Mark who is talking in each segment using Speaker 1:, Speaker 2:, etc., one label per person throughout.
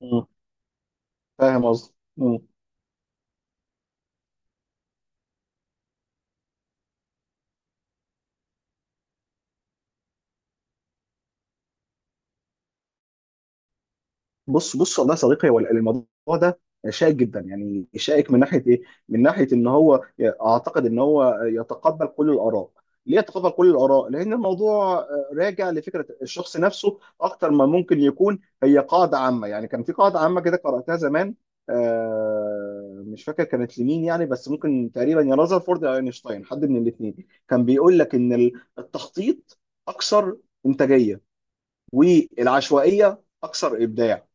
Speaker 1: مم. فاهم قصدي. مم. بص بص، والله يا صديقي، هو الموضوع ده شائك جدا. يعني شائك من ناحيه ايه؟ من ناحيه ان هو اعتقد ان هو يتقبل كل الاراء. ليه يتقبل كل الاراء؟ لان الموضوع راجع لفكره الشخص نفسه اكتر ما ممكن يكون هي قاعده عامه. يعني كان في قاعده عامه كده قراتها زمان، مش فاكر كانت لمين يعني، بس ممكن تقريبا يا رذرفورد يا اينشتاين، حد من الاثنين كان بيقول لك ان التخطيط اكثر انتاجيه والعشوائيه اكثر ابداع.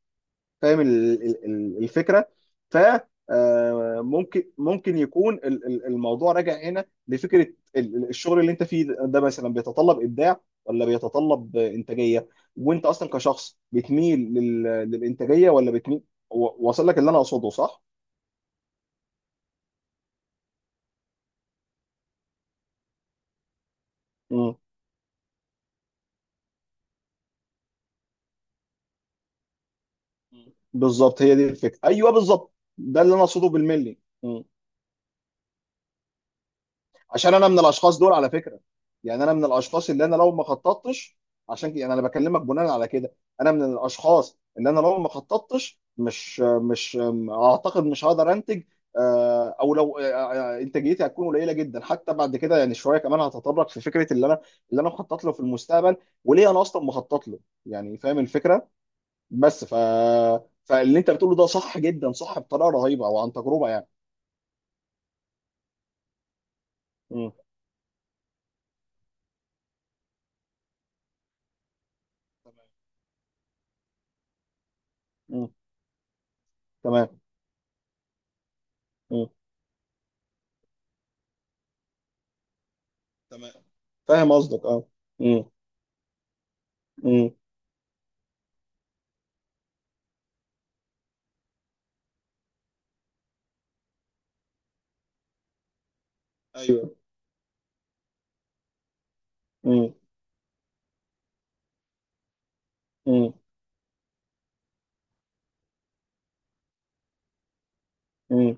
Speaker 1: فاهم الفكره. ف ممكن يكون الموضوع راجع هنا لفكره الشغل اللي انت فيه ده، مثلا بيتطلب ابداع ولا بيتطلب انتاجيه، وانت اصلا كشخص بتميل للانتاجيه ولا بتميل؟ واصل لك اللي انا اقصده، صح؟ مم. بالظبط، هي دي الفكره. ايوه، بالظبط ده اللي انا اقصده بالملي. عشان انا من الاشخاص دول على فكره، يعني انا من الاشخاص اللي انا لو ما خططتش، عشان كده يعني انا بكلمك بناء على كده. انا من الاشخاص اللي انا لو ما خططتش مش اعتقد مش هقدر انتج، او لو، انتاجيتي هتكون قليله جدا. حتى بعد كده يعني شويه كمان هتطرق في فكره اللي انا مخطط له في المستقبل، وليه انا اصلا مخطط له. يعني فاهم الفكره. بس فاللي انت بتقوله ده صح جدا، صح بطريقه رهيبه، او عن تجربه يعني. م. م. تمام. م. تمام، فاهم قصدك، اه. مم. مم. ايوه. مم. مم. مم.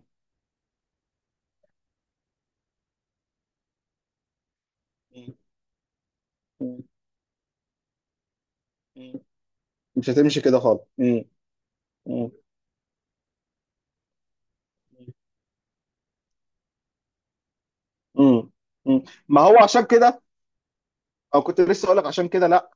Speaker 1: مم. مم. مم. مش هتمشي كده خالص. مم. مم. مم. مم. ما هو عشان كده، او كنت لسه اقول لك عشان كده لا،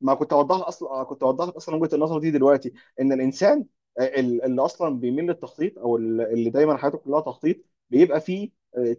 Speaker 1: ما كنت اوضحها. اصلا كنت اوضحت اصلا وجهه النظر دي دلوقتي. ان الانسان اللي اصلا بيميل للتخطيط، او اللي دايما حياته كلها تخطيط، بيبقى فيه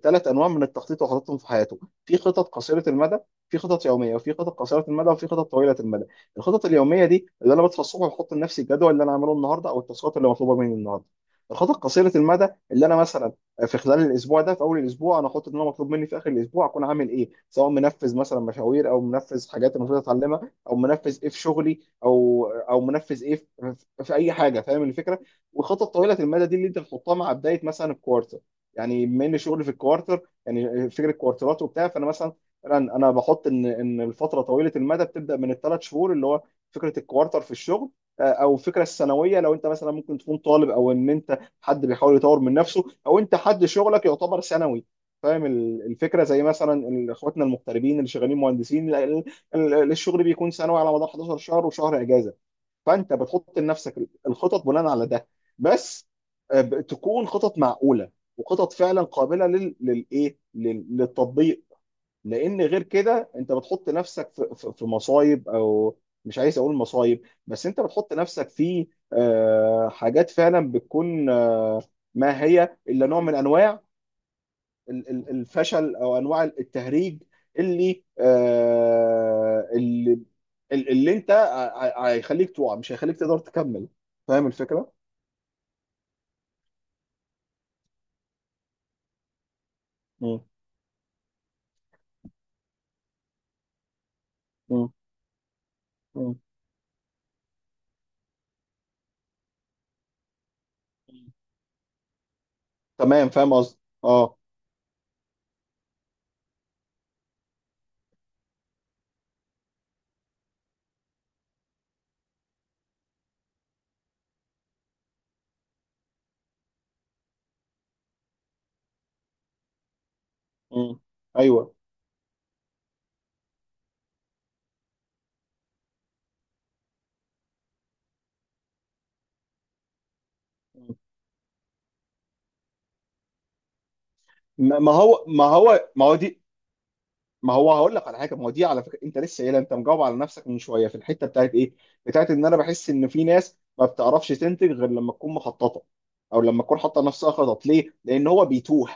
Speaker 1: ثلاث انواع من التخطيط وخططهم في حياته. في خطط قصيره المدى في خطط يوميه، وفي خطط قصيره المدى، وفي خطط طويله المدى. الخطط اليوميه دي اللي انا بصحى الصبح وبحط لنفسي الجدول اللي انا هعمله النهارده، او التاسكات اللي مطلوبه مني النهارده. الخطط قصيره المدى اللي انا مثلا في خلال الاسبوع ده، في اول الاسبوع انا احط ان انا مطلوب مني في اخر الاسبوع اكون عامل ايه، سواء منفذ مثلا مشاوير، او منفذ حاجات المفروض اتعلمها، او منفذ ايه في شغلي، او منفذ ايه في, في اي حاجه، فاهم الفكره. وخطط طويله المدى دي اللي انت بتحطها مع بدايه مثلا الكوارتر. يعني بما ان شغلي في الكوارتر، يعني فكره كوارترات وبتاع، فانا مثلا فعلا انا بحط ان الفتره طويله المدى بتبدا من الثلاث شهور، اللي هو فكره الكوارتر في الشغل. او فكره السنويه، لو انت مثلا ممكن تكون طالب، او ان انت حد بيحاول يطور من نفسه، او انت حد شغلك يعتبر سنوي. فاهم الفكره. زي مثلا اخواتنا المغتربين اللي شغالين مهندسين، الشغل بيكون سنوي على مدار 11 شهر وشهر اجازه، فانت بتحط لنفسك الخطط بناء على ده. بس تكون خطط معقوله، وخطط فعلا قابله للتطبيق. لان غير كده انت بتحط نفسك في مصايب، او مش عايز اقول مصايب، بس انت بتحط نفسك في حاجات فعلا بتكون ما هي الا نوع من انواع الفشل، او انواع التهريج اللي آه، اللي ال- اللي انت ع- ع- هيخليك تقع، مش هيخليك تقدر تكمل. فاهم الفكره؟ مم. مم. مم. تمام، فاهم قصدي، اه. مم. ايوه. مم. ما هو دي. ما هو هقول لك على حاجه. ما هو دي على فكره انت لسه قايلها، انت مجاوب على نفسك من شويه في الحته بتاعت ايه؟ بتاعت ان انا بحس ان في ناس ما بتعرفش تنتج غير لما تكون مخططه، او لما تكون حاطه نفسها خطط. ليه؟ لان هو بيتوه.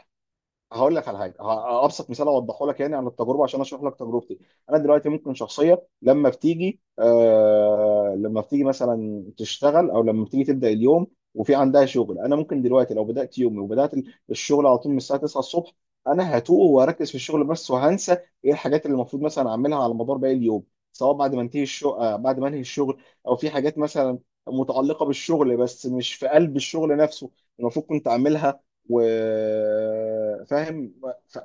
Speaker 1: هقول لك على حاجه، ابسط مثال اوضحه لك يعني عن التجربه، عشان اشرح لك تجربتي. انا دلوقتي ممكن شخصيه لما بتيجي مثلا تشتغل، او لما بتيجي تبدا اليوم وفي عندها شغل. انا ممكن دلوقتي لو بدات يومي وبدات الشغل على طول من الساعه 9 الصبح، انا هتوه وهركز في الشغل بس، وهنسى ايه الحاجات اللي المفروض مثلا اعملها على مدار باقي اليوم، سواء بعد ما انتهي الشغل آه بعد ما انهي الشغل، او في حاجات مثلا متعلقه بالشغل بس مش في قلب الشغل نفسه، المفروض كنت اعملها، وفاهم.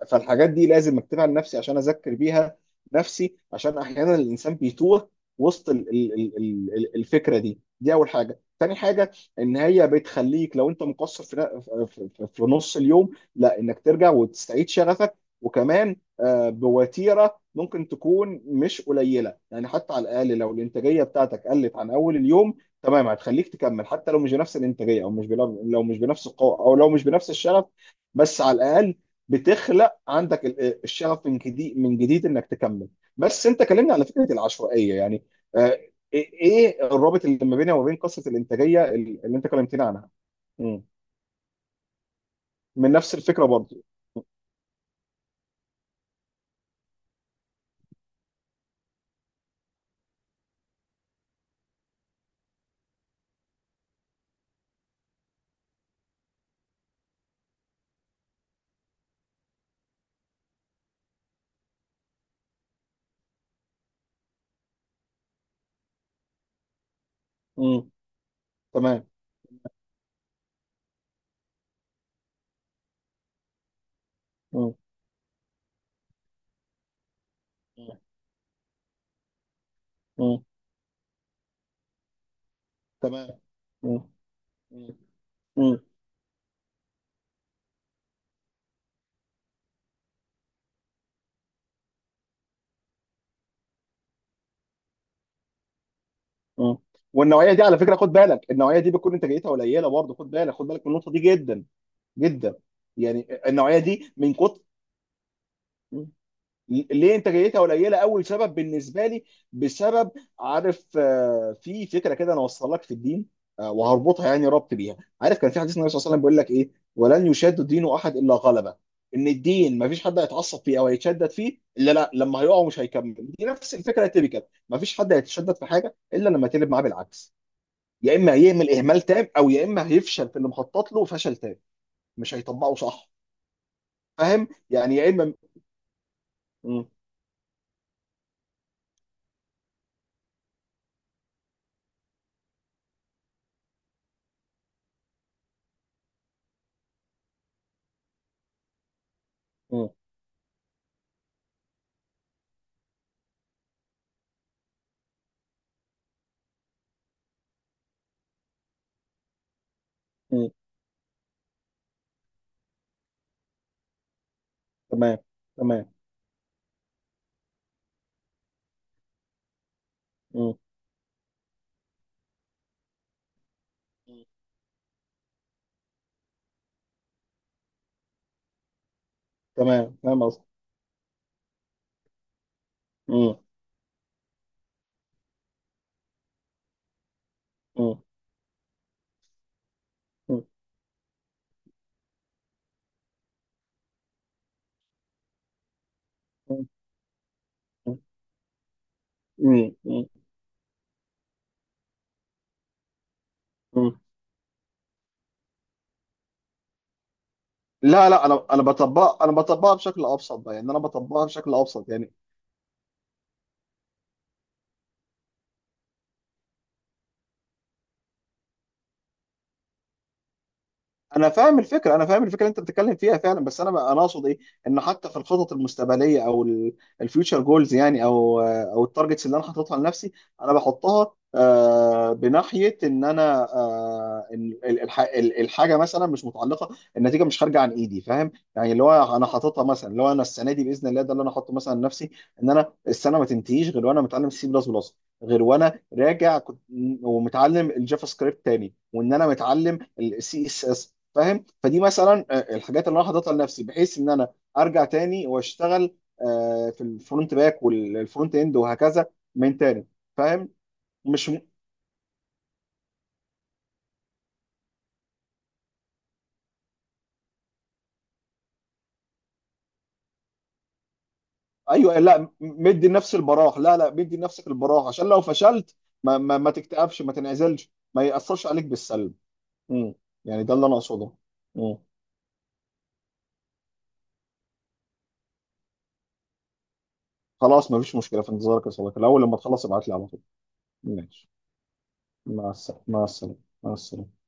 Speaker 1: فالحاجات دي لازم اكتبها لنفسي عشان اذكر بيها نفسي، عشان احيانا الانسان بيتوه وسط الفكره دي. دي اول حاجه. تاني حاجه، ان هي بتخليك لو انت مقصر في نص اليوم، لا، انك ترجع وتستعيد شغفك. وكمان بوتيره ممكن تكون مش قليله، يعني حتى على الاقل لو الانتاجيه بتاعتك قلت عن اول اليوم، تمام، هتخليك تكمل حتى لو مش بنفس الانتاجيه، او مش لو مش بنفس القوه، او لو مش بنفس الشغف. بس على الاقل بتخلق عندك الشغف من جديد، من جديد، انك تكمل. بس انت كلمني على فكره العشوائيه يعني، آه، ايه الرابط اللي ما بينها وما بين قصه الانتاجيه اللي انت كلمتني عنها؟ مم. من نفس الفكره برضه. مم. تمام. مم. مم. تمام. مم. مم. مم. مم. والنوعيه دي على فكره، خد بالك، النوعيه دي بتكون انتاجيتها قليله برضه. خد بالك، خد بالك من النقطه دي جدا جدا. يعني النوعيه دي من كتر، ليه انتاجيتها قليله؟ اول سبب بالنسبه لي بسبب، عارف، في فكره كده انا اوصل لك في الدين، وهربطها يعني، ربط بيها. عارف كان في حديث النبي صلى الله عليه وسلم بيقول لك ايه؟ ولن يشاد دين احد الا غلبه. ان الدين ما فيش حد هيتعصب فيه او هيتشدد فيه الا، لا، لما هيقع مش هيكمل. دي نفس الفكره التيبيكال. ما فيش حد هيتشدد في حاجه الا لما تقلب معاه بالعكس. يا اما هيعمل اهمال تام، او يا اما هيفشل في اللي مخطط له فشل تام، مش هيطبقه صح. فاهم يعني، يا اما. مم. مم. مم. تمام. تمام. مم. مم. تمام، فاهم قصدي. مم. مم. مم. مم. مم. مم. مم. لا، لا، انا بطبقها، انا بطبقها بشكل ابسط بقى، يعني انا بطبقها بشكل ابسط يعني. انا فاهم الفكره، انا فاهم الفكره اللي انت بتتكلم فيها فعلا. بس انا انا اقصد ايه؟ ان حتى في الخطط المستقبليه، او الفيوتشر جولز يعني، او التارجتس اللي انا حاططها لنفسي، انا بحطها بناحيه ان انا الحاجه مثلا مش متعلقه، النتيجه مش خارجه عن ايدي. فاهم يعني، اللي هو انا حاططها مثلا، اللي هو انا السنه دي باذن الله ده اللي انا حاطه مثلا لنفسي، ان انا السنه ما تنتهيش غير وانا متعلم سي بلس بلس، غير وانا راجع ومتعلم الجافا سكريبت تاني، وان انا متعلم السي اس اس. فاهم؟ فدي مثلا الحاجات اللي انا حاططها لنفسي، بحيث ان انا ارجع تاني واشتغل في الفرونت باك والفرونت اند وهكذا، من تاني. فاهم؟ مش م... ايوه. لا، مدي لنفسي البراح. لا، لا، مدي لنفسك البراح عشان لو فشلت، ما تكتئبش، ما تنعزلش، ما يأثرش عليك بالسلب. مم. يعني ده اللي انا اقصده. مم. خلاص، ما فيش مشكله، في انتظارك يا صديقي، الاول لما تخلص ابعت لي على طول. ماشي. مع السلامه. مع السلامه. مع السلامه.